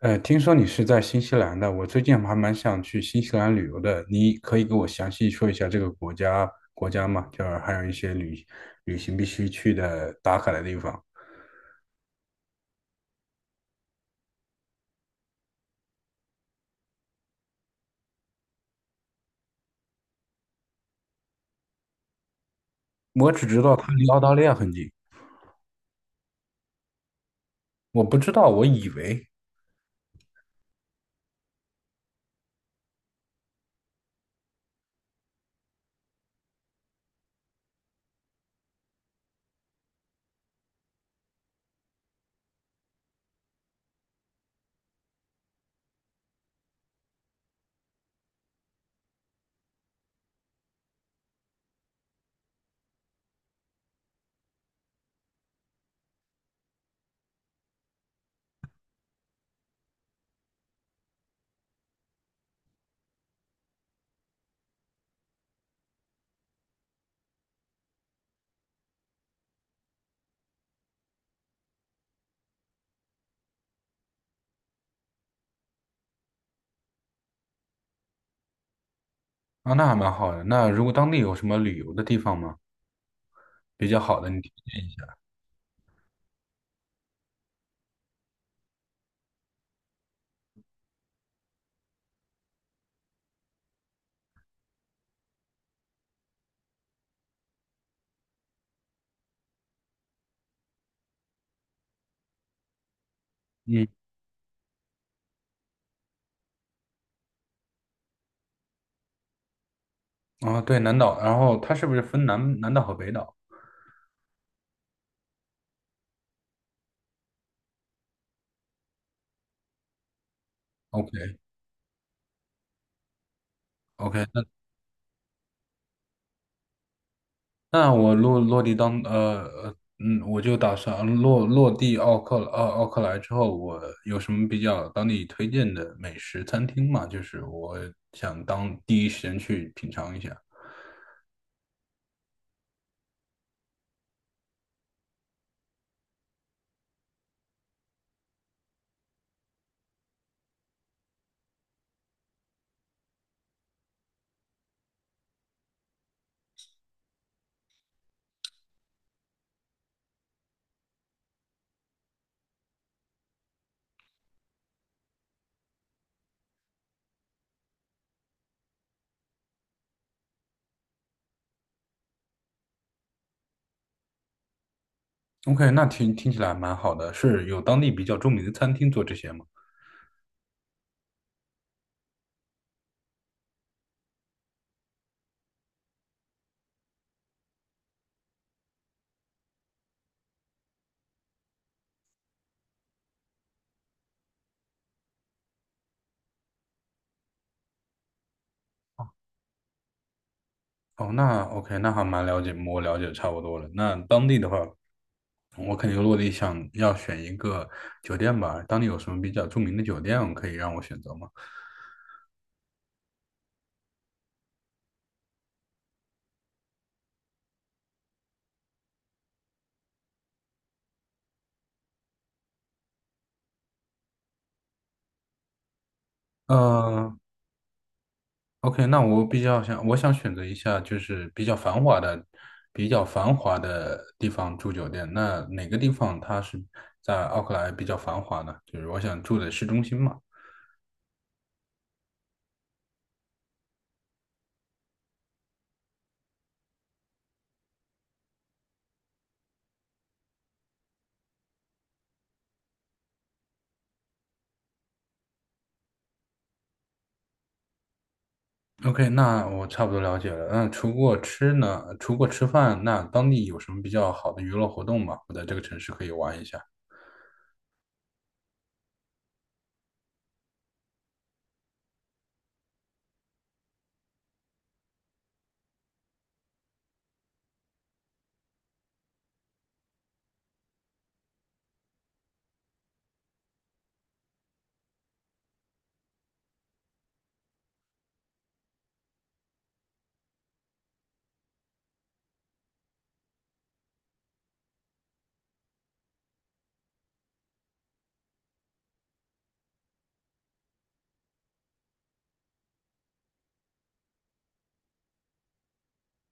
听说你是在新西兰的，我最近还蛮想去新西兰旅游的。你可以给我详细说一下这个国家吗？就是还有一些旅行必须去的打卡的地方。我只知道它离澳大利亚很近，我不知道，我以为啊，那还蛮好的。那如果当地有什么旅游的地方吗？比较好的，你嗯，啊，对，南岛，然后它是不是分南岛和北岛OK，OK，那。那我落落地当呃呃嗯，我就打算落落地奥克莱之后，我有什么比较当地推荐的美食餐厅吗？就是我想当第一时间去品尝一下。OK,那听起来蛮好的，是有当地比较著名的餐厅做这些吗？哦，那 OK,那还蛮了解，我了解的差不多了。那当地的话，我肯定落地想要选一个酒店吧。当地有什么比较著名的酒店可以让我选择吗？呃，OK,那我想选择一下就是比较繁华的地方住酒店。那哪个地方它是在奥克兰比较繁华呢？就是我想住的市中心嘛。OK,那我差不多了解了。那除过吃呢？除过吃饭，那当地有什么比较好的娱乐活动吗？我在这个城市可以玩一下。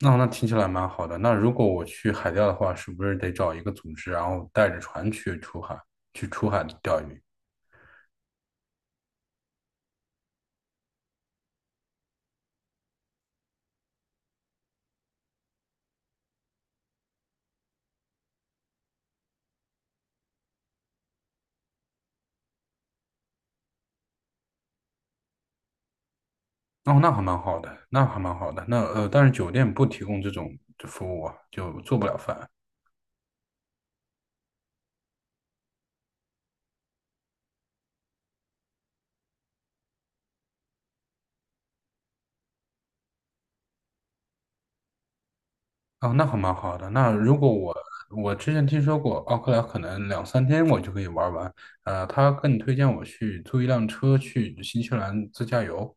那听起来蛮好的。那如果我去海钓的话，是不是得找一个组织，然后带着船去出海，去出海钓鱼？哦，那还蛮好的，那还蛮好的。那但是酒店不提供这种服务啊，就做不了饭。哦，那还蛮好的。那如果我我之前听说过奥克兰，可能两三天我就可以玩完。你推荐我去租一辆车去新西兰自驾游。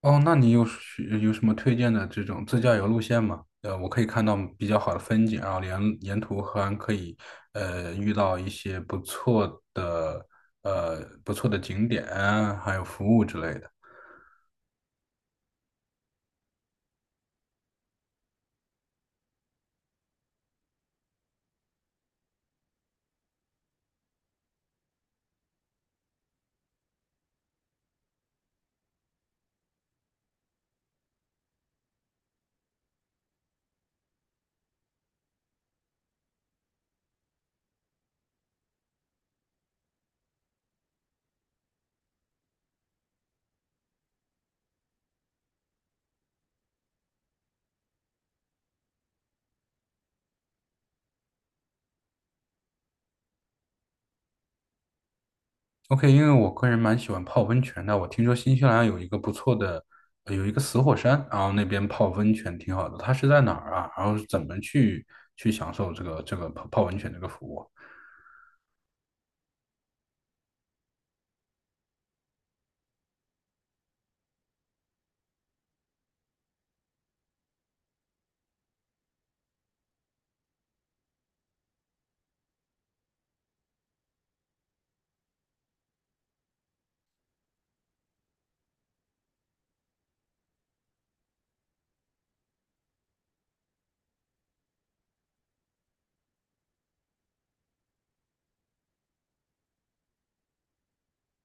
哦，那你有是有什么推荐的这种自驾游路线吗？呃，我可以看到比较好的风景啊，然后沿途还可以遇到一些不错的景点啊，还有服务之类的。OK,因为我个人蛮喜欢泡温泉的，我听说新西兰有一个不错的，呃有一个死火山，然后那边泡温泉挺好的。它是在哪儿啊？然后怎么去享受这个泡温泉这个服务？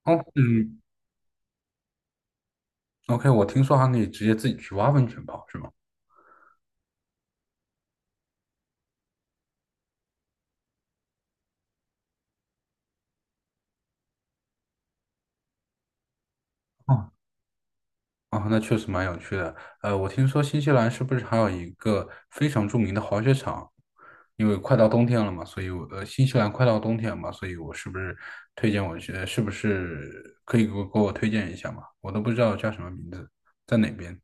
哦，嗯，OK,我听说还可以直接自己去挖温泉泡，是吗？哦，那确实蛮有趣的。呃，我听说新西兰是不是还有一个非常著名的滑雪场？因为快到冬天了嘛，所以我呃，新西兰快到冬天嘛，所以我是不是推荐我去？呃是不是可以给我推荐一下嘛？我都不知道叫什么名字，在哪边？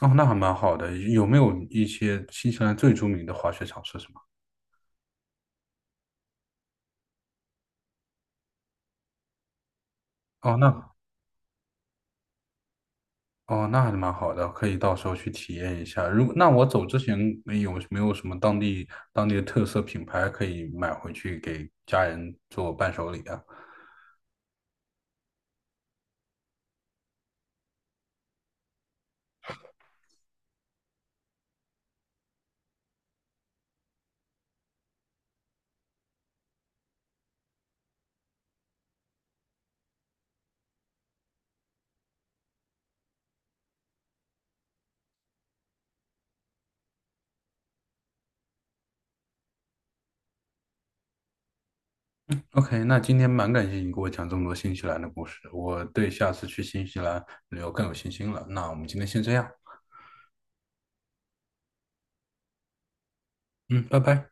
哦，那还蛮好的。有没有一些新西兰最著名的滑雪场是什么？哦，那还是蛮好的，可以到时候去体验一下。如果那我走之前有没有什么当地的特色品牌可以买回去给家人做伴手礼啊？OK,那今天蛮感谢你给我讲这么多新西兰的故事，我对下次去新西兰旅游更有信心了。那我们今天先这样，嗯，拜拜。